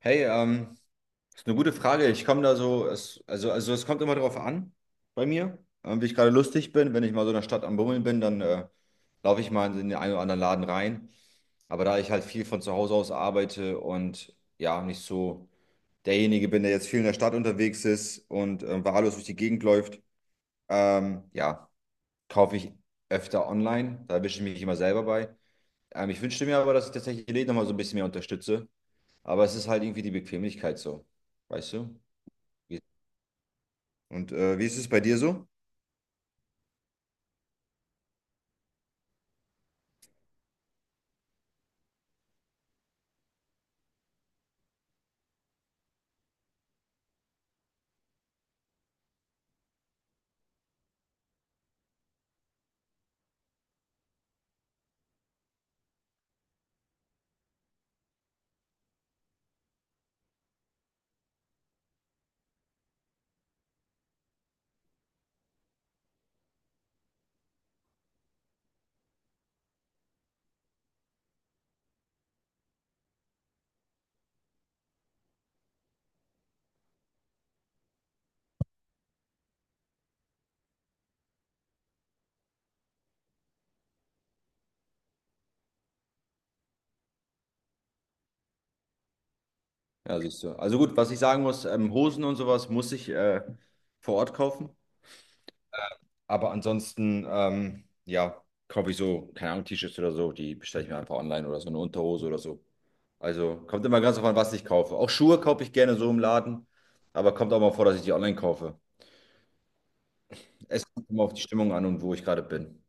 Hey, ist eine gute Frage. Ich komme da so, es, also, es kommt immer drauf an bei mir, wie ich gerade lustig bin. Wenn ich mal so in der Stadt am Bummeln bin, dann laufe ich mal in den einen oder anderen Laden rein. Aber da ich halt viel von zu Hause aus arbeite und ja, nicht so derjenige bin, der jetzt viel in der Stadt unterwegs ist und wahllos durch die Gegend läuft, ja, kaufe ich öfter online. Da erwische ich mich immer selber bei. Ich wünschte mir aber, dass ich tatsächlich die Läden nochmal so ein bisschen mehr unterstütze. Aber es ist halt irgendwie die Bequemlichkeit so. Weißt du? Wie- Und wie ist es bei dir so? Ja, siehst du. Also gut, was ich sagen muss, Hosen und sowas muss ich vor Ort kaufen. Aber ansonsten, ja, kaufe ich so, keine Ahnung, T-Shirts oder so, die bestelle ich mir einfach online oder so eine Unterhose oder so. Also kommt immer ganz drauf an, was ich kaufe. Auch Schuhe kaufe ich gerne so im Laden, aber kommt auch mal vor, dass ich die online kaufe. Es kommt immer auf die Stimmung an und wo ich gerade bin.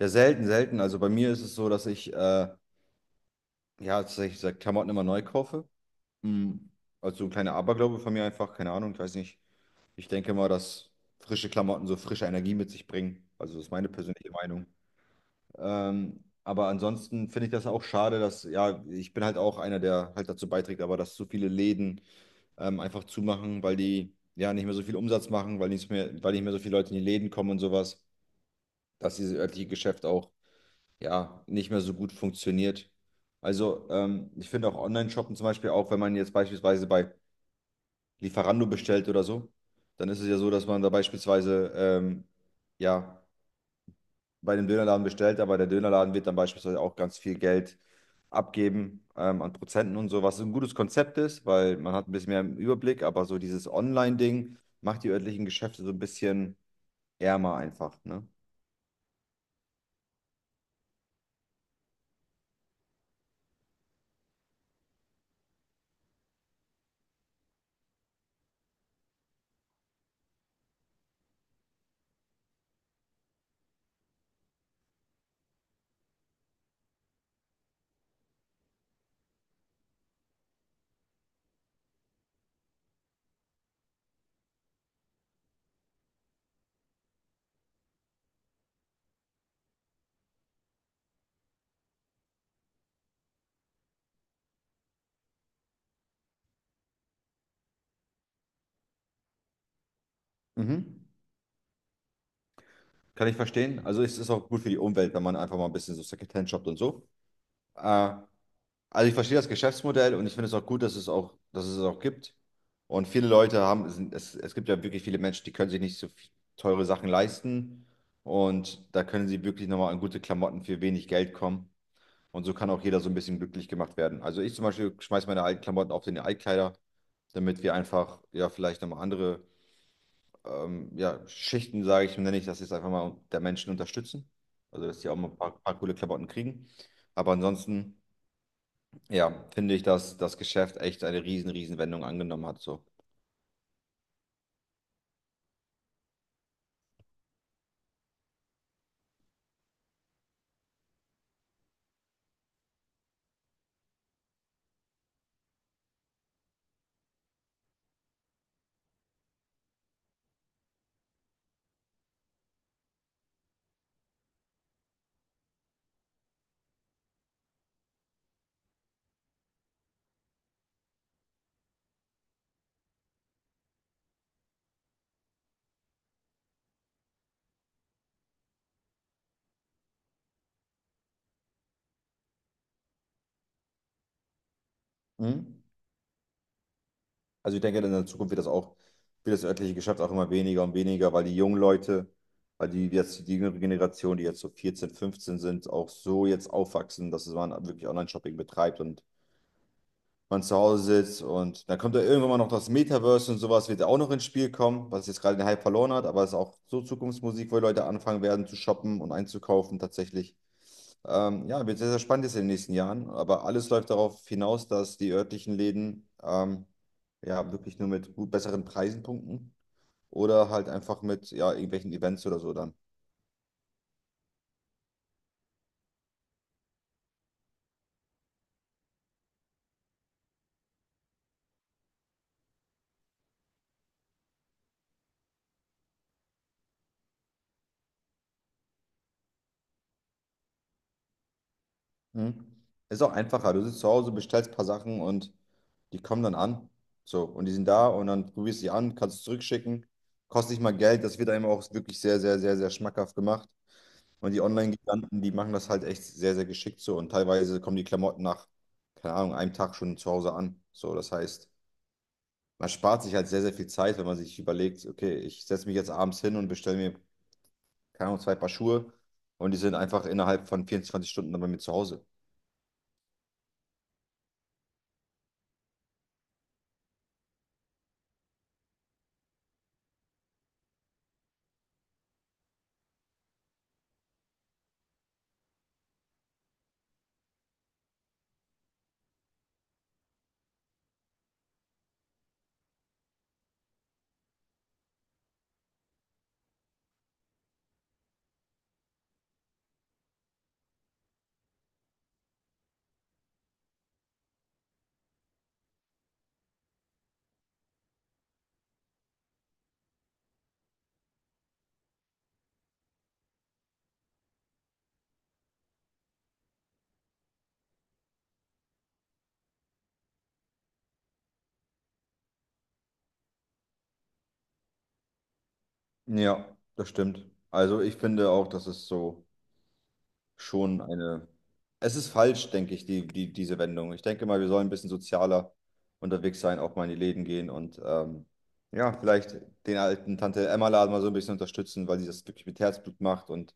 Ja, selten, selten. Also bei mir ist es so, dass ich ja, tatsächlich seit Klamotten immer neu kaufe. Mm. Also so ein kleiner Aberglaube von mir einfach, keine Ahnung, ich weiß nicht. Ich denke mal, dass frische Klamotten so frische Energie mit sich bringen. Also das ist meine persönliche Meinung. Aber ansonsten finde ich das auch schade, dass, ja, ich bin halt auch einer, der halt dazu beiträgt, aber dass so viele Läden einfach zumachen, weil die ja nicht mehr so viel Umsatz machen, weil nicht mehr so viele Leute in die Läden kommen und sowas, dass dieses örtliche Geschäft auch ja, nicht mehr so gut funktioniert. Also, ich finde auch Online-Shoppen zum Beispiel, auch wenn man jetzt beispielsweise bei Lieferando bestellt oder so, dann ist es ja so, dass man da beispielsweise, ja, bei dem Dönerladen bestellt, aber der Dönerladen wird dann beispielsweise auch ganz viel Geld abgeben, an Prozenten und so, was ein gutes Konzept ist, weil man hat ein bisschen mehr im Überblick, aber so dieses Online-Ding macht die örtlichen Geschäfte so ein bisschen ärmer einfach, ne? Mhm. Kann ich verstehen. Also es ist auch gut für die Umwelt, wenn man einfach mal ein bisschen so Secondhand shoppt und so. Äh, also ich verstehe das Geschäftsmodell und ich finde es auch gut, dass es auch, dass es auch gibt. Und viele Leute haben, es, es gibt ja wirklich viele Menschen, die können sich nicht so viel- teure Sachen leisten. Und da können sie wirklich nochmal an gute Klamotten für wenig Geld kommen. Und so kann auch jeder so ein bisschen glücklich gemacht werden. Also ich zum Beispiel schmeiße meine alten Klamotten auf den Altkleider, damit wir einfach ja vielleicht nochmal andere ja, Schichten, nenne ich das jetzt einfach mal, der Menschen unterstützen. Also, dass die auch mal ein paar, coole Klamotten kriegen. Aber ansonsten, ja, finde ich, dass das Geschäft echt eine riesen, riesen Wendung angenommen hat. So. Mhm. Also, ich denke, in der Zukunft wird das auch, wird das örtliche Geschäft auch immer weniger und weniger, weil die jetzt, die jüngere Generation, die jetzt so 14, 15 sind, auch so jetzt aufwachsen, dass man wirklich Online-Shopping betreibt und man zu Hause sitzt und dann kommt da irgendwann mal noch das Metaverse und sowas wird ja auch noch ins Spiel kommen, was jetzt gerade den Hype verloren hat, aber es ist auch so Zukunftsmusik, wo die Leute anfangen werden zu shoppen und einzukaufen tatsächlich. Ja, wird sehr, sehr spannend jetzt in den nächsten Jahren, aber alles läuft darauf hinaus, dass die örtlichen Läden ja wirklich nur mit gut besseren Preisen punkten oder halt einfach mit ja, irgendwelchen Events oder so dann. Mhm. Ist auch einfacher. Du sitzt zu Hause, bestellst ein paar Sachen und die kommen dann an. So, und die sind da und dann probierst du sie an, kannst es zurückschicken. Kostet nicht mal Geld, das wird einem auch wirklich sehr, sehr, sehr, sehr schmackhaft gemacht. Und die Online-Giganten, die machen das halt echt sehr, sehr geschickt so. Und teilweise kommen die Klamotten nach, keine Ahnung, einem Tag schon zu Hause an. So, das heißt, man spart sich halt sehr, sehr viel Zeit, wenn man sich überlegt, okay, ich setze mich jetzt abends hin und bestelle mir, keine Ahnung, zwei Paar Schuhe und die sind einfach innerhalb von 24 Stunden dann bei mir zu Hause. Ja, das stimmt. Also ich finde auch, dass es so schon eine. Es ist falsch, denke ich, diese Wendung. Ich denke mal, wir sollen ein bisschen sozialer unterwegs sein, auch mal in die Läden gehen und ja, vielleicht den alten Tante Emma-Laden mal so ein bisschen unterstützen, weil sie das wirklich mit Herzblut macht und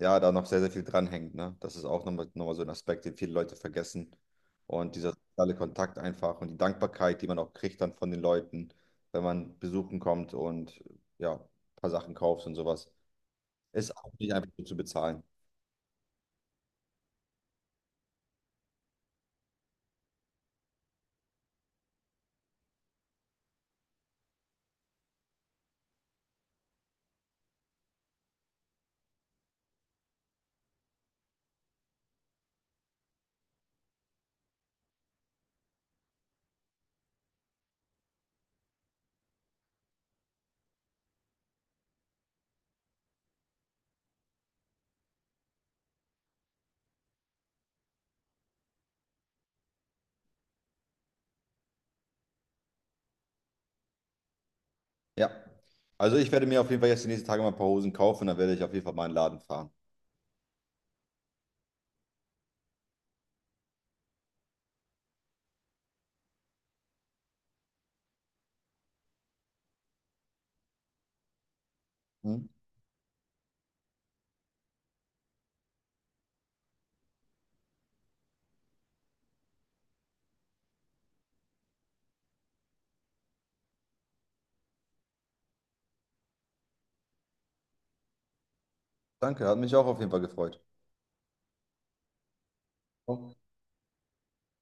ja, da noch sehr, sehr viel dranhängt. Ne? Das ist auch nochmal so ein Aspekt, den viele Leute vergessen. Und dieser soziale Kontakt einfach und die Dankbarkeit, die man auch kriegt dann von den Leuten, wenn man besuchen kommt und ja, ein paar Sachen kauft und sowas. Ist auch nicht einfach so zu bezahlen. Ja. Also ich werde mir auf jeden Fall jetzt die nächsten Tage mal ein paar Hosen kaufen und dann werde ich auf jeden Fall mal in den Laden fahren. Hm? Danke, hat mich auch auf jeden Fall gefreut.